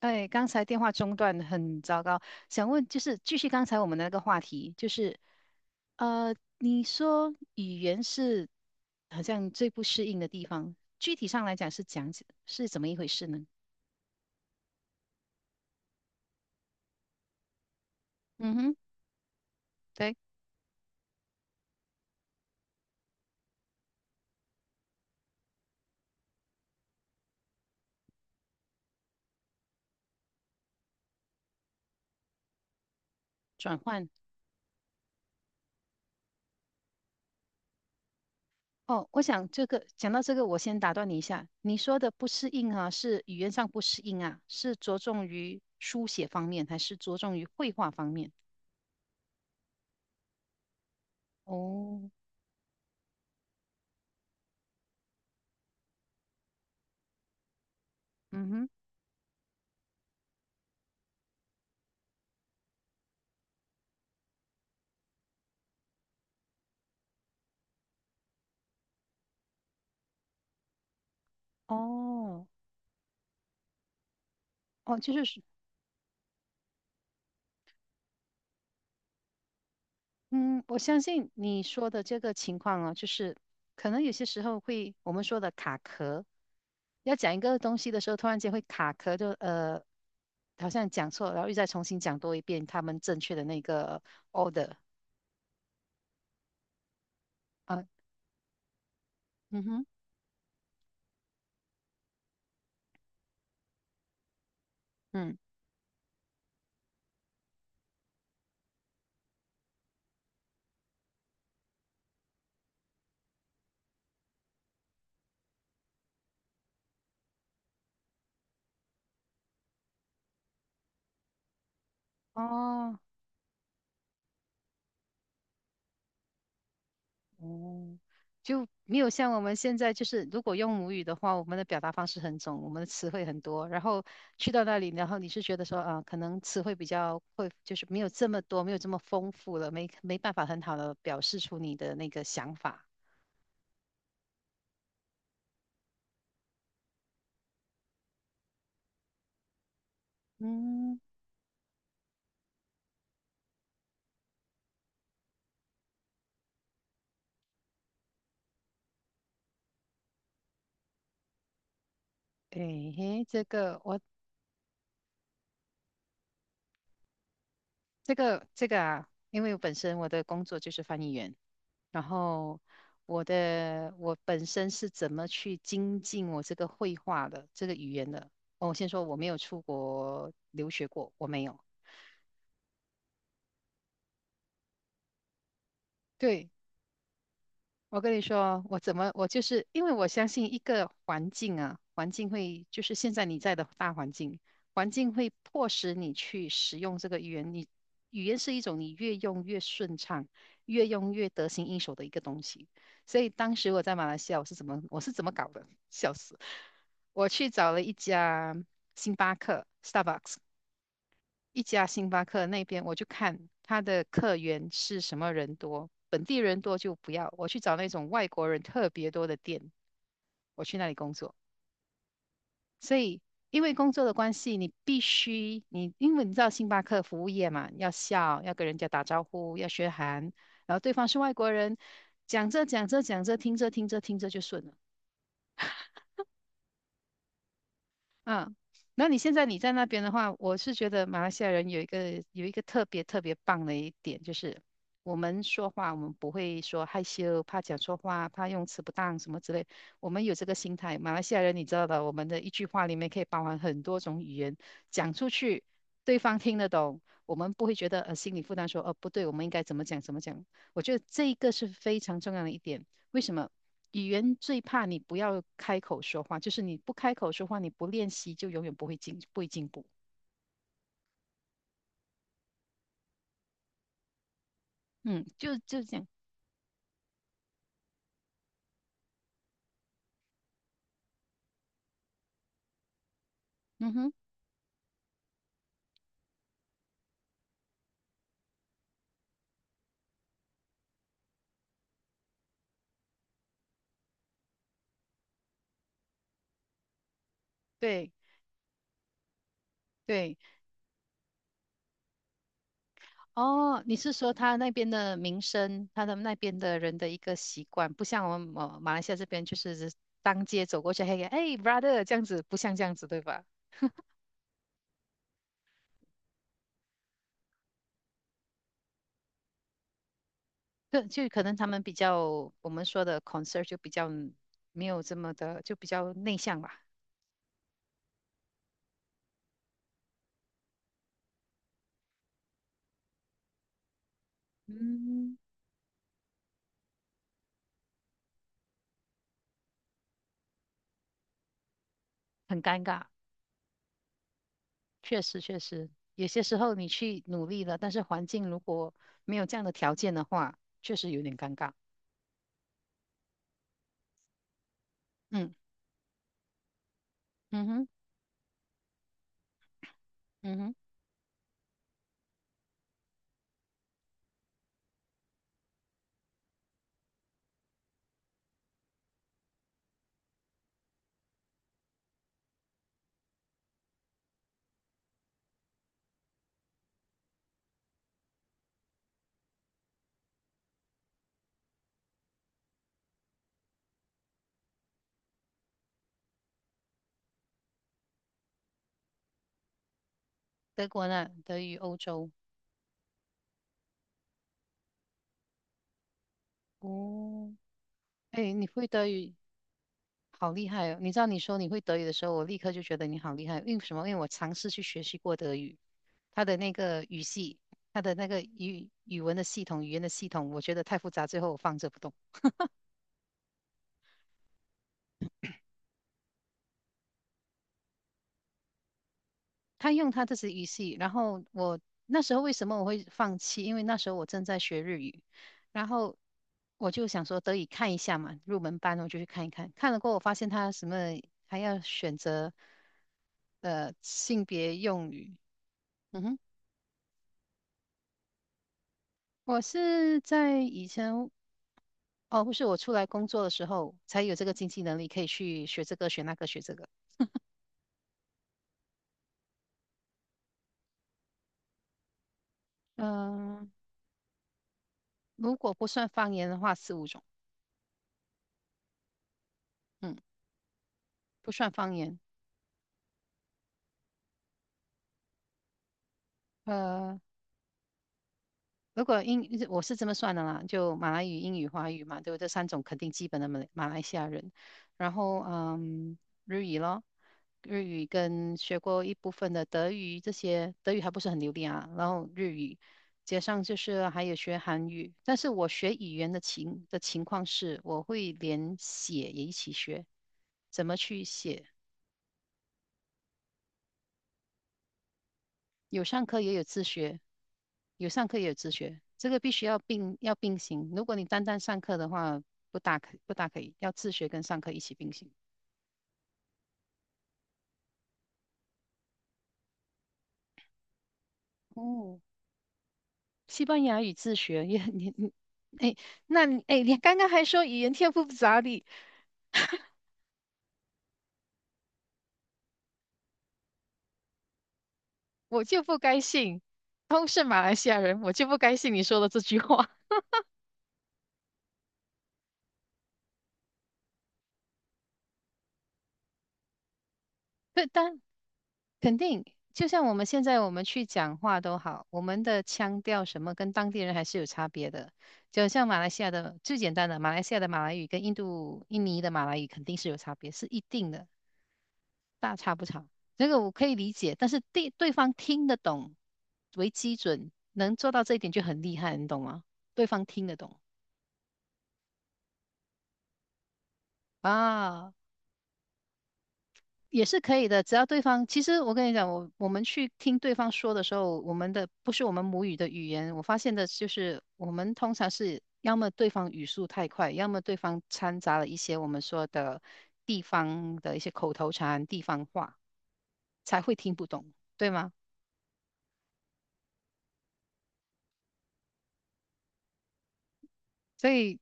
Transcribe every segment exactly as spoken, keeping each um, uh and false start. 哎，刚才电话中断很糟糕，想问就是继续刚才我们的那个话题，就是呃，你说语言是好像最不适应的地方，具体上来讲是讲是怎么一回事呢？嗯哼，对，转换。哦，我想这个讲到这个，我先打断你一下，你说的不适应啊，是语言上不适应啊，是着重于书写方面，还是着重于绘画方面？哦，嗯哼，哦，哦，就是。嗯，我相信你说的这个情况哦，就是可能有些时候会我们说的卡壳，要讲一个东西的时候，突然间会卡壳就，呃，好像讲错，然后又再重新讲多一遍他们正确的那个 order 啊，嗯哼，嗯，哦。哦，就没有像我们现在，就是如果用母语的话，我们的表达方式很重，我们的词汇很多。然后去到那里，然后你是觉得说啊，可能词汇比较会，就是没有这么多，没有这么丰富了，没没办法很好的表示出你的那个想法。嗯，诶嘿，这个我这个这个啊，因为我本身我的工作就是翻译员，然后我的我本身是怎么去精进我这个绘画的这个语言的？哦，我先说我没有出国留学过，我没有。对，我跟你说，我怎么，我就是因为我相信一个环境啊，环境会就是现在你在的大环境，环境会迫使你去使用这个语言。你语言是一种你越用越顺畅，越用越得心应手的一个东西。所以当时我在马来西亚，我是怎么我是怎么搞的？笑死！我去找了一家星巴克 （Starbucks），一家星巴克那边，我就看他的客源是什么人多，本地人多就不要，我去找那种外国人特别多的店，我去那里工作。所以因为工作的关系，你必须你因为你知道星巴克服务业嘛，要笑，要跟人家打招呼，要学韩，然后对方是外国人，讲着讲着讲着，听着听着听着就顺了。嗯，那你现在你在那边的话，我是觉得马来西亚人有一个有一个特别特别棒的一点，就是我们说话，我们不会说害羞、怕讲错话、怕用词不当什么之类，我们有这个心态。马来西亚人你知道的，我们的一句话里面可以包含很多种语言，讲出去对方听得懂，我们不会觉得呃心理负担说，哦不对，我们应该怎么讲怎么讲。我觉得这一个是非常重要的一点，为什么？语言最怕你不要开口说话，就是你不开口说话，你不练习就永远不会进，不会进步。嗯，就就这样。嗯哼，对对。哦，你是说他那边的民生，他的那边的人的一个习惯，不像我们马马来西亚这边，就是当街走过去，嘿，哎，brother 这样子，不像这样子，对吧？就就可能他们比较，我们说的 concern 就比较没有这么的，就比较内向吧。嗯，很尴尬。确实确实，有些时候你去努力了，但是环境如果没有这样的条件的话，确实有点尴尬。嗯嗯哼嗯哼，德国呢，德语欧洲。哦，哎，你会德语，好厉害哦！你知道你说你会德语的时候，我立刻就觉得你好厉害。因为什么？因为我尝试去学习过德语，它的那个语系，它的那个语语文的系统、语言的系统，我觉得太复杂，最后我放着不动。他用他自己的语系，然后我那时候为什么我会放弃？因为那时候我正在学日语，然后我就想说得以看一下嘛，入门班我就去看一看。看了过后，我发现他什么还要选择呃性别用语。嗯哼，我是在以前哦，不是我出来工作的时候才有这个经济能力可以去学这个学那个学这个。嗯、如果不算方言的话，四五种，嗯，不算方言。呃，如果英，我是这么算的啦，就马来语、英语、华语嘛，对不对这三种肯定基本的马来马来西亚人。然后，嗯，日语咯，日语跟学过一部分的德语，这些德语还不是很流利啊。然后日语，加上就是还有学韩语。但是我学语言的情的情况是，我会连写也一起学，怎么去写。有上课也有自学，有上课也有自学，这个必须要并要并行。如果你单单上课的话，不大可不大可以，要自学跟上课一起并行。哦，西班牙语自学也你你，哎，那你哎，你刚刚还说语言天赋不咋地，我就不该信，都是马来西亚人，我就不该信你说的这句话。对，但肯定，就像我们现在我们去讲话都好，我们的腔调什么跟当地人还是有差别的。就像马来西亚的最简单的，马来西亚的马来语跟印度、印尼的马来语肯定是有差别，是一定的，大差不差。这个我可以理解，但是对对方听得懂为基准，能做到这一点就很厉害，你懂吗？对方听得懂啊，也是可以的，只要对方，其实我跟你讲，我我们去听对方说的时候，我们的不是我们母语的语言，我发现的就是我们通常是要么对方语速太快，要么对方掺杂了一些我们说的地方的一些口头禅、地方话，才会听不懂，对吗？所以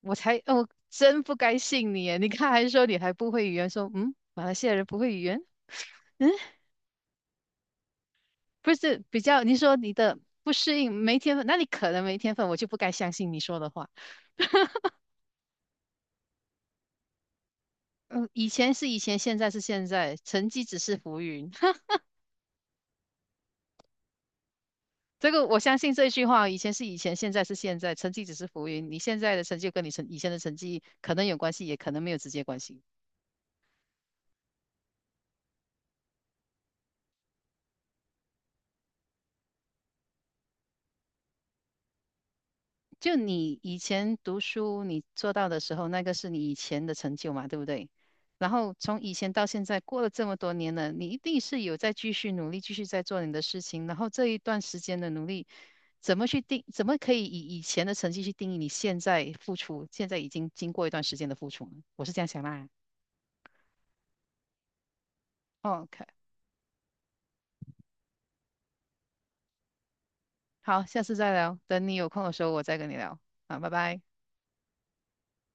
我才，哦，真不该信你耶你看还说你还不会语言，说嗯，马来西亚人不会语言。嗯。不是比较，你说你的不适应没天分，那你可能没天分，我就不该相信你说的话。嗯，以前是以前，现在是现在，成绩只是浮云。这个我相信这句话，以前是以前，现在是现在，成绩只是浮云。你现在的成就跟你成以前的成绩可能有关系，也可能没有直接关系。就你以前读书你做到的时候，那个是你以前的成就嘛，对不对？然后从以前到现在，过了这么多年了，你一定是有在继续努力，继续在做你的事情。然后这一段时间的努力，怎么去定？怎么可以以以前的成绩去定义你现在付出？现在已经经过一段时间的付出了，我是这样想啦。OK，好，下次再聊，等你有空的时候我再跟你聊。好，拜拜。